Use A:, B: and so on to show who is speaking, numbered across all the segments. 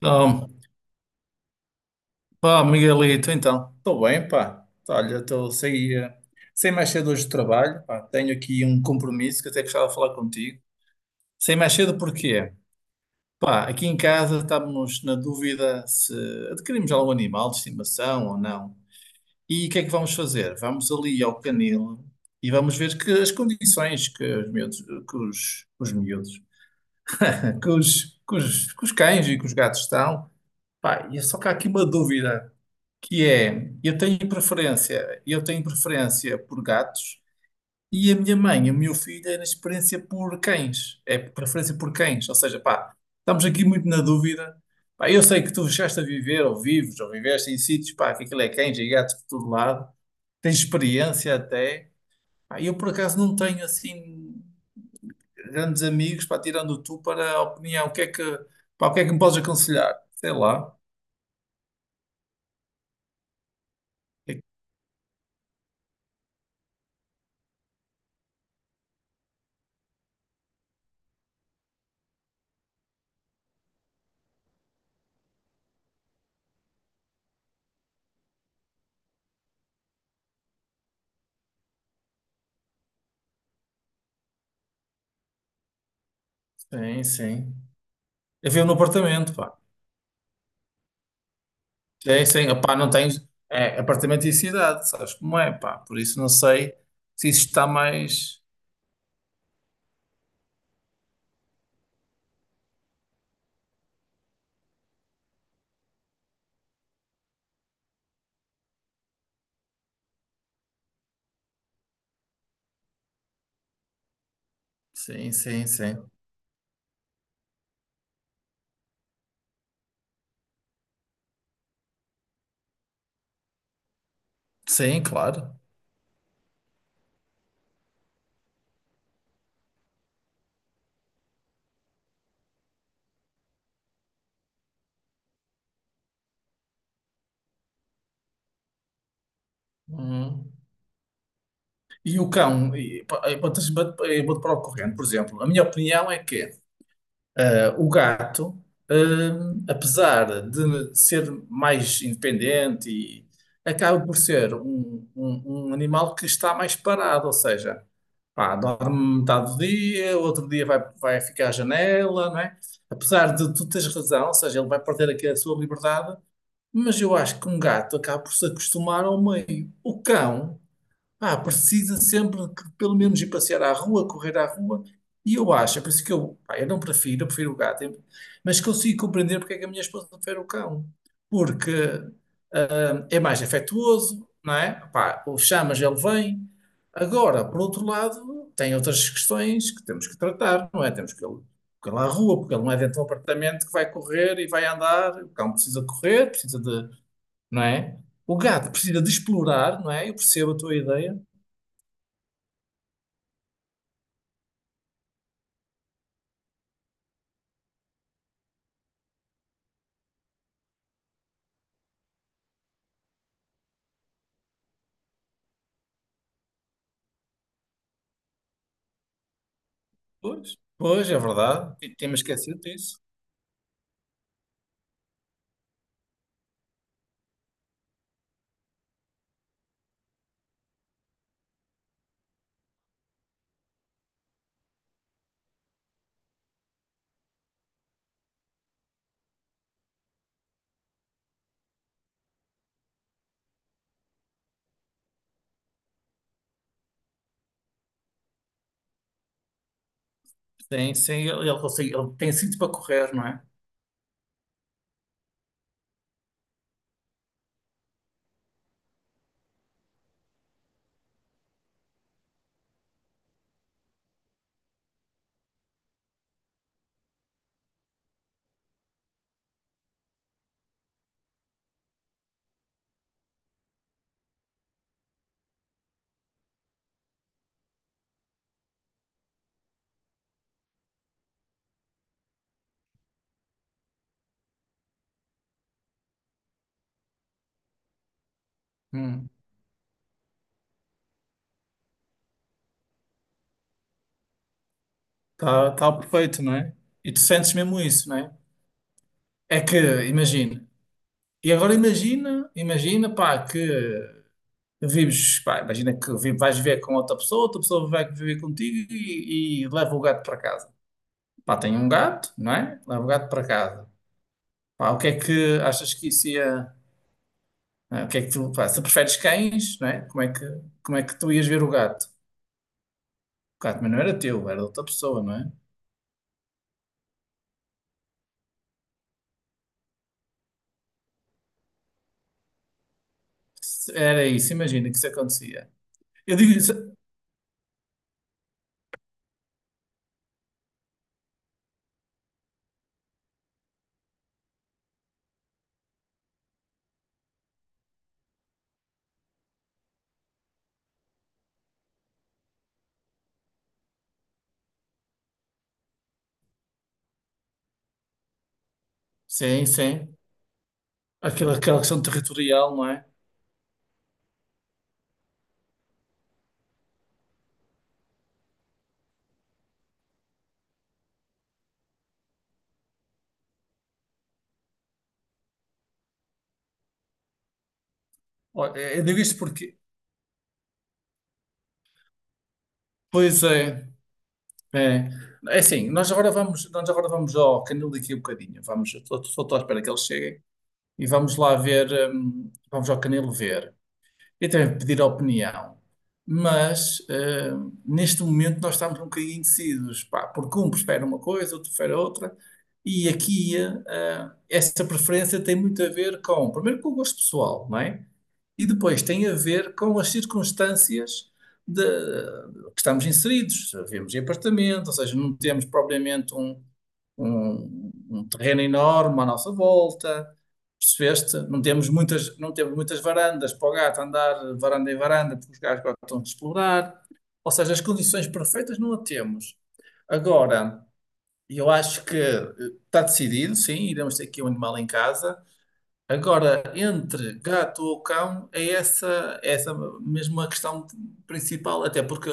A: Então, pá, Miguelito, então, estou bem, pá. Olha, estou saí, saí mais cedo hoje do trabalho, pá. Tenho aqui um compromisso que até gostava de falar contigo. Saí mais cedo porquê? Pá, aqui em casa estamos na dúvida se adquirimos algum animal de estimação ou não. E o que é que vamos fazer? Vamos ali ao canil e vamos ver que as condições que os miúdos, que os miúdos, que os cães e que os gatos estão. Pá, e é só que há aqui uma dúvida, que é, eu tenho preferência por gatos, e a minha mãe e o meu filho é na experiência por cães, é preferência por cães, ou seja, pá, estamos aqui muito na dúvida, pá. Eu sei que tu chegaste a viver, ou vives, ou viveste em sítios, pá, que aquilo é cães e gatos por todo lado, tens experiência até, pá. Eu por acaso não tenho assim grandes amigos, pá, tirando tu para a opinião. O que é que, pá, o que é que me podes aconselhar? Sei lá, O que é que- sim, sim, eu vivo no apartamento, pá. Sim, sim, opá, não tens. É apartamento e cidade, sabes como é, pá? Por isso não sei se isso está mais. Sim, sim, sim. Sim, claro. Uhum. E o cão, e, pá, eu vou-te para o corrente, por exemplo. A minha opinião é que o gato, apesar de ser mais independente, e- acaba por ser um, um animal que está mais parado, ou seja, pá, dorme metade do dia, outro dia vai, vai ficar à janela, não é? Apesar de tu teres razão, ou seja, ele vai perder aqui a sua liberdade, mas eu acho que um gato acaba por se acostumar ao meio. O cão precisa sempre que pelo menos ir passear à rua, correr à rua. E eu acho, é por isso que eu, pá, eu não prefiro, eu prefiro o gato, eu- mas consigo compreender porque é que a minha esposa prefere o cão. Porque é mais afetuoso, não é? Pá, o chamas, ele vem. Agora, por outro lado, tem outras questões que temos que tratar, não é? Temos que ele à rua, porque ele não é dentro de um apartamento que vai correr e vai andar. O cão precisa correr, precisa de, não é? O gato precisa de explorar, não é? Eu percebo a tua ideia. Pois, pois, é verdade. T- Temos esquecido disso. Sim, sim, ele, consegue- ele tem sítio para correr, não é? Hum. Tá, tá perfeito, não é? E tu sentes mesmo isso, não é? É que, imagina. E agora imagina, pá, que vives, pá, imagina que vi- vais viver com outra pessoa vai viver contigo e leva o gato para casa. Pá, tem um gato, não é? Leva o gato para casa. Pá, o que é que achas que isso ia... O que é que tu, pá, se preferes cães, não é? Como é que tu ias ver o gato? Claro, mas não era teu, era de outra pessoa, não é? Se- Era isso, imagina que isso acontecia. Eu digo isso, sim, sim, aquela questão territorial, não é? Olha, eu digo isto porque, pois é, é, é assim, nós agora vamos ao canil daqui a um bocadinho, vamos, eu estou à espera que eles cheguem, e vamos lá ver, vamos ao canil ver. Eu também pedir a opinião, mas neste momento nós estamos um bocadinho indecisos, pá, porque um prefere uma coisa, outro prefere outra, e aqui essa preferência tem muito a ver com, primeiro, com o gosto pessoal, não é? E depois tem a ver com as circunstâncias de- que estamos inseridos. Vivemos em apartamento, ou seja, não temos propriamente um, um- um terreno enorme à nossa volta. Percebeste? Não temos muitas varandas para o gato andar varanda em varanda, porque os gatos gostam de explorar. Ou seja, as condições perfeitas não a temos. Agora, eu acho que está decidido, sim, iremos ter aqui um animal em casa. Agora, entre gato ou cão, é essa mesmo a questão principal, até porque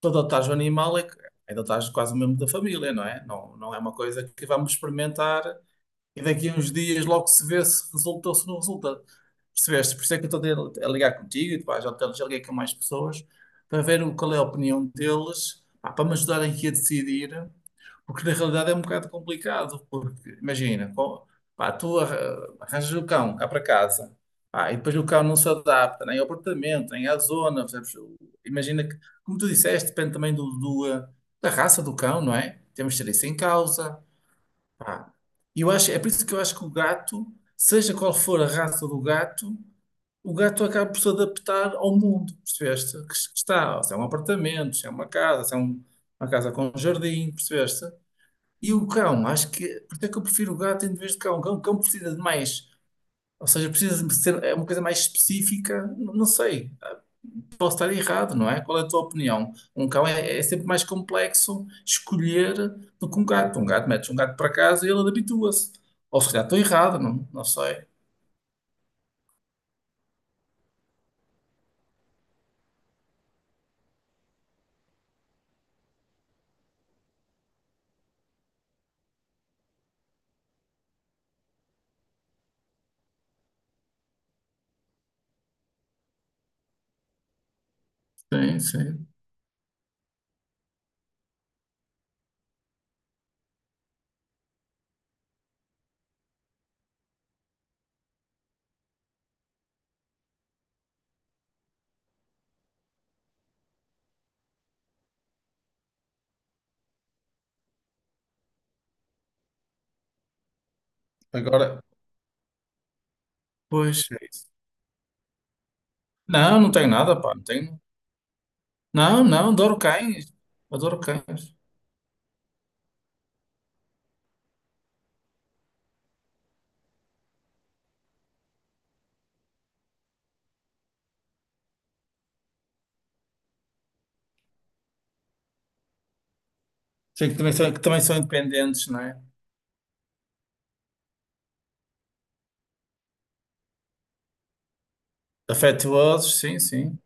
A: tu adotares o animal é, que- é adotares quase o mesmo da família, não é? Não, não é uma coisa que vamos experimentar e daqui a uns dias logo se vê se resulta ou se não resulta. Percebeste? Por isso é que eu estou a ligar contigo, e depois já, te- já liguei com mais pessoas para ver o- qual é a opinião deles, pá, para me ajudarem aqui a decidir. Porque na realidade é um bocado complicado, porque imagina, co- pá, tu arra- arranjas o cão cá para casa, pá, e depois o cão não se adapta nem ao apartamento, nem à zona, percebes? O- Imagina que, como tu disseste, depende também do, do, da raça do cão, não é? Temos de ter isso em causa, pá. E eu acho, é por isso que eu acho que o gato, seja qual for a raça do gato, o gato acaba por se adaptar ao mundo, percebeste? Que está, se é um apartamento, se é uma casa, se é um- uma casa com um jardim, percebeste? E o cão, acho que. Por isso é que eu prefiro o gato em vez de cão. O cão, o cão precisa de mais. Ou seja, precisa de ser é uma coisa mais específica. Não, não sei. Posso estar errado, não é? Qual é a tua opinião? Um cão é, é sempre mais complexo escolher do que um gato. Um gato, metes um gato para casa e ele habitua-se. Ou se calhar estou errado, não, não sei. Sim, sim. Agora, pois, é isso. Não, não tenho nada, pá. Não tenho. Não, não, adoro cães. Adoro cães. Sim, que também são independentes, não é? Afetuosos, sim, sim.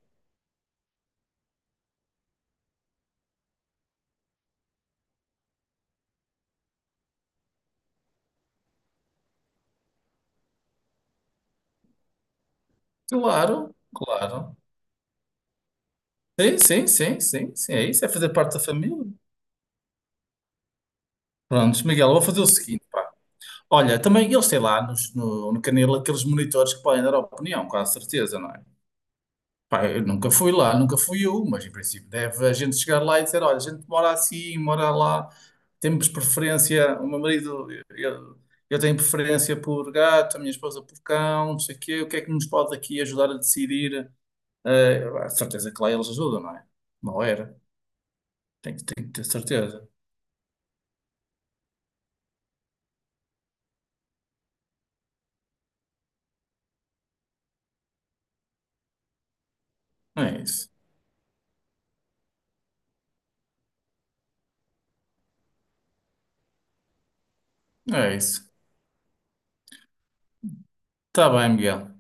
A: Claro, claro. Sim, sim, sim, sim, sim. É isso, é fazer parte da família. Prontos, Miguel, eu vou fazer o seguinte, pá. Olha, também eles têm lá nos- no, no Canelo aqueles monitores que podem dar opinião, com a certeza, não é? Pá, eu nunca fui lá, nunca fui eu, mas em princípio deve a gente chegar lá e dizer, olha, a gente mora assim, mora lá, temos preferência, o meu marido, eu tenho preferência por gato, a minha esposa por cão, não sei o quê, o que é que nos pode aqui ajudar a decidir? A certeza que lá eles ajudam, não é? Não era. Tem que ter certeza. É isso. É isso. Tá bem, Miguel.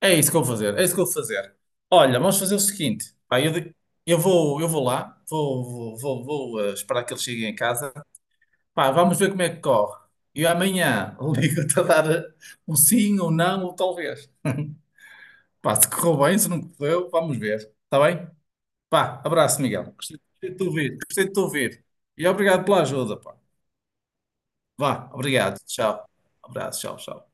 A: É isso que eu vou fazer. É isso que eu vou fazer. Olha, vamos fazer o seguinte. Pá, eu, de- eu vou lá. Vou, vou, vou, vou, esperar que eles cheguem em casa. Pá, vamos ver como é que corre. E amanhã ligo-te a dar um sim ou não, ou talvez. Pá, se correu bem, se não correu, vamos ver. Tá bem? Pá, abraço, Miguel. Gostei de te ouvir. Gostei de te ouvir. E obrigado pela ajuda, pá. Vá, obrigado. Tchau. Abraço, tchau, tchau.